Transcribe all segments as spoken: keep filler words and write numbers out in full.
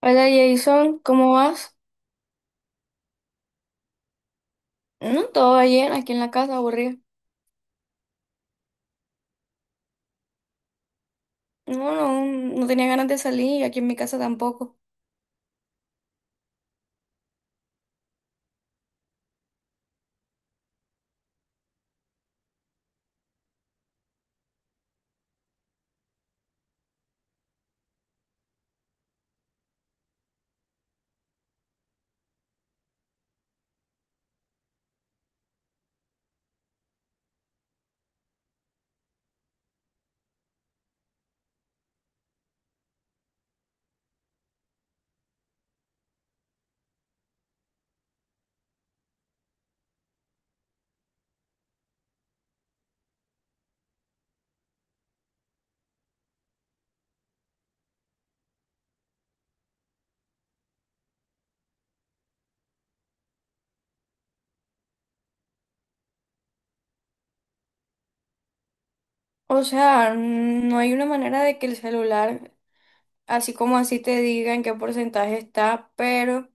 Hola Jason, ¿cómo vas? No, todo bien, aquí en la casa, aburrido. No, no, no tenía ganas de salir y aquí en mi casa tampoco. O sea, mm, no hay una manera de que el celular, así como así te diga en qué porcentaje está, pero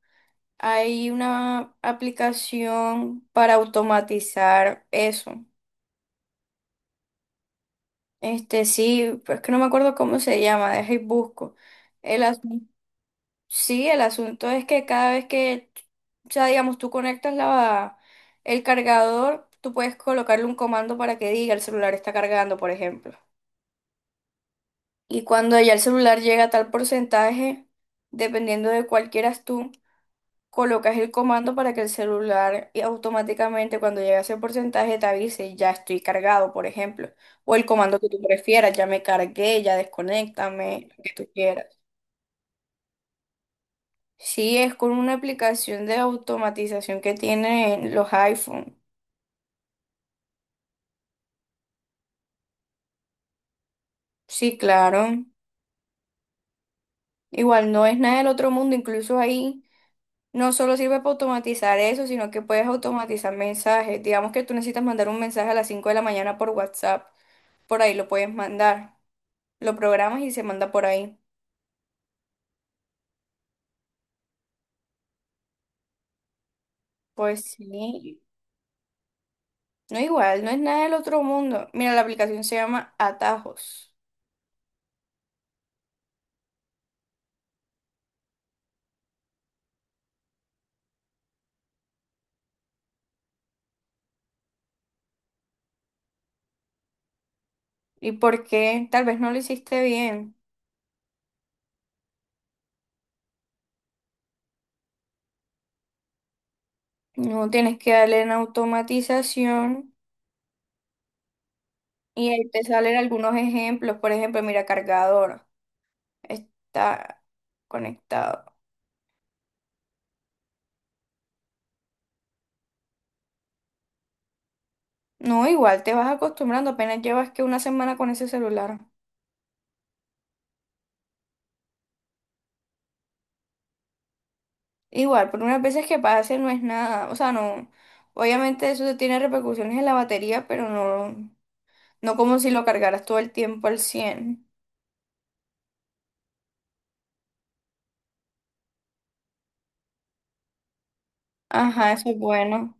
hay una aplicación para automatizar eso. Este sí, pero es que no me acuerdo cómo se llama, deja y busco. El asunto. Sí, el asunto es que cada vez que, o sea, digamos, tú conectas la, el cargador, tú puedes colocarle un comando para que diga el celular está cargando, por ejemplo. Y cuando ya el celular llega a tal porcentaje, dependiendo de cuál quieras tú, colocas el comando para que el celular y automáticamente cuando llega a ese porcentaje te avise, ya estoy cargado, por ejemplo. O el comando que tú prefieras, ya me cargué, ya desconéctame, lo que tú quieras. Sí, es con una aplicación de automatización que tienen los iPhone. Sí, claro. Igual no es nada del otro mundo, incluso ahí no solo sirve para automatizar eso, sino que puedes automatizar mensajes. Digamos que tú necesitas mandar un mensaje a las cinco de la mañana por WhatsApp, por ahí lo puedes mandar. Lo programas y se manda por ahí. Pues sí, no igual, no es nada del otro mundo. Mira, la aplicación se llama Atajos. ¿Y por qué? Tal vez no lo hiciste bien. No tienes que darle en automatización y ahí te salen algunos ejemplos. Por ejemplo, mira, cargador está conectado. No, igual te vas acostumbrando, apenas llevas que una semana con ese celular. Igual, por unas veces que pase no es nada. O sea, no. Obviamente eso tiene repercusiones en la batería, pero no, no como si lo cargaras todo el tiempo al cien. Ajá, eso es bueno.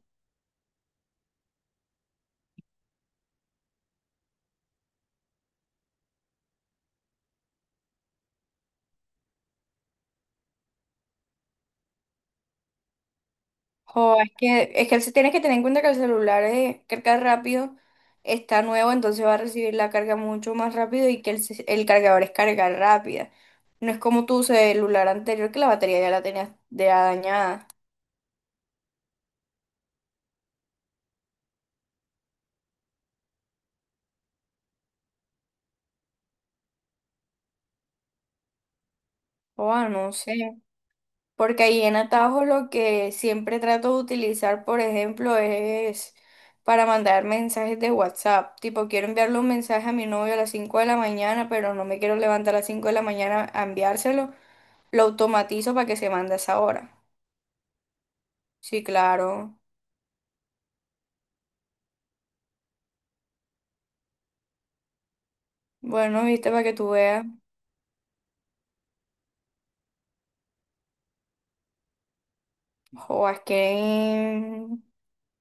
O es que, es que el- tienes que tener en cuenta que el celular es carga rápido, está nuevo, entonces va a recibir la carga mucho más rápido y que el, ce- el cargador es carga rápida. No es como tu celular anterior que la batería ya la tenías de dañada. O ah, no sé. Porque ahí en Atajo lo que siempre trato de utilizar, por ejemplo, es para mandar mensajes de WhatsApp. Tipo, quiero enviarle un mensaje a mi novio a las cinco de la mañana, pero no me quiero levantar a las cinco de la mañana a enviárselo. Lo automatizo para que se mande a esa hora. Sí, claro. Bueno, viste, para que tú veas. O es que...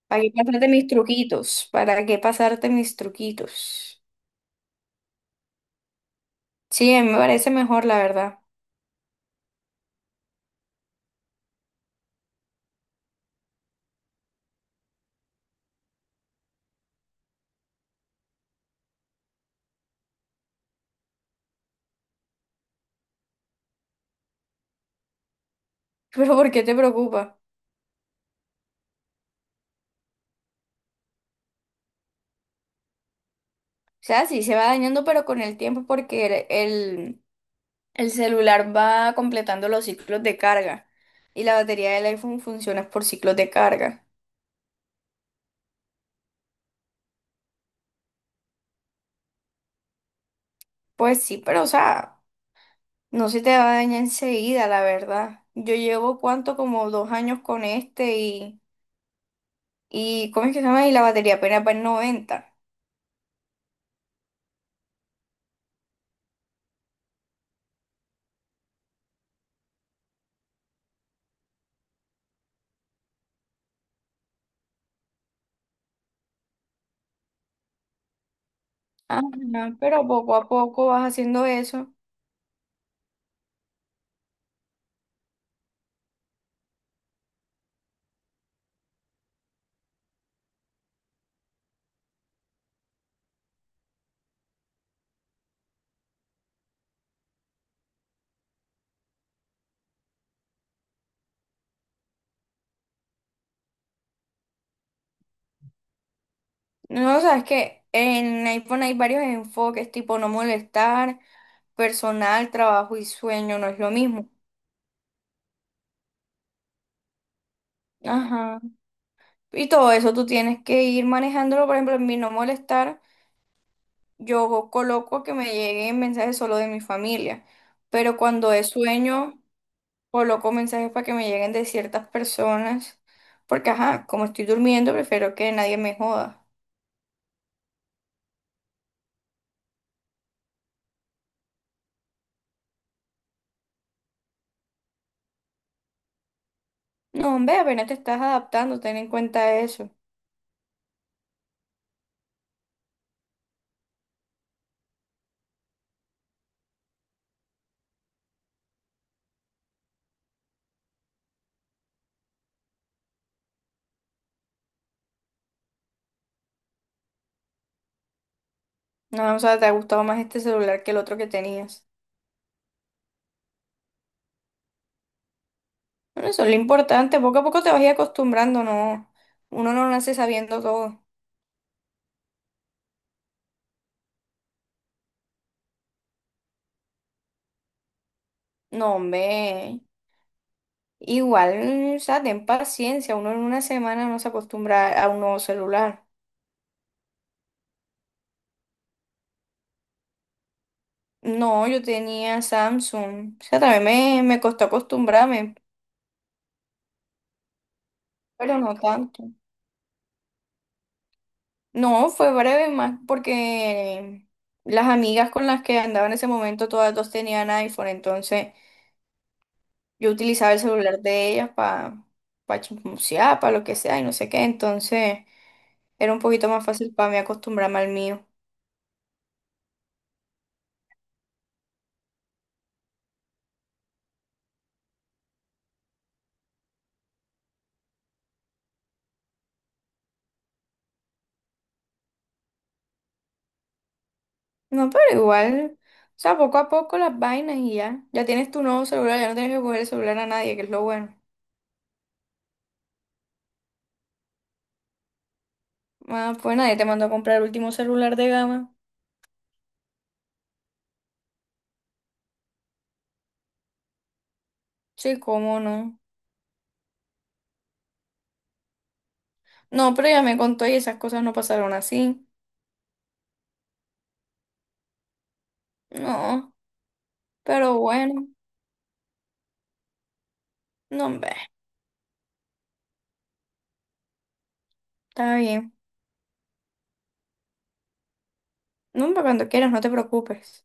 ¿Para qué pasarte mis truquitos? ¿Para qué pasarte mis truquitos? Sí, a mí me parece mejor, la verdad. Pero ¿por qué te preocupa? O sea, sí, se va dañando, pero con el tiempo porque el, el celular va completando los ciclos de carga. Y la batería del iPhone funciona por ciclos de carga. Pues sí, pero o sea... No se te va a dañar enseguida, la verdad. Yo llevo cuánto, como dos años con este y, y ¿cómo es que se llama? Y la batería apenas va en noventa. Ajá, pero poco a poco vas haciendo eso. No, o sea, es que en iPhone hay varios enfoques, tipo no molestar, personal, trabajo y sueño, no es lo mismo. Ajá. Y todo eso tú tienes que ir manejándolo, por ejemplo, en mi no molestar, yo coloco que me lleguen mensajes solo de mi familia, pero cuando es sueño... coloco mensajes para que me lleguen de ciertas personas, porque ajá, como estoy durmiendo, prefiero que nadie me joda. No, hombre, apenas te estás adaptando, ten en cuenta eso. No, o sea, te ha gustado más este celular que el otro que tenías. Bueno, eso es lo importante, poco a poco te vas a ir acostumbrando, no, uno no nace sabiendo todo. No, hombre, igual, o sea, ten paciencia, uno en una semana no se acostumbra a un nuevo celular. No, yo tenía Samsung, o sea, también me, me costó acostumbrarme, pero no tanto. No, fue breve más porque las amigas con las que andaba en ese momento todas dos tenían iPhone, entonces yo utilizaba el celular de ellas para pa chismosear, para lo que sea y no sé qué, entonces era un poquito más fácil para mí acostumbrarme al mío. No, pero igual, o sea, poco a poco las vainas y ya, ya tienes tu nuevo celular, ya no tienes que coger el celular a nadie, que es lo bueno. Ah, pues nadie te mandó a comprar el último celular de gama. Sí, cómo no. No, pero ya me contó y esas cosas no pasaron así. No. Pero bueno, no, hombre, está bien. No, hombre, cuando quieras, no te preocupes.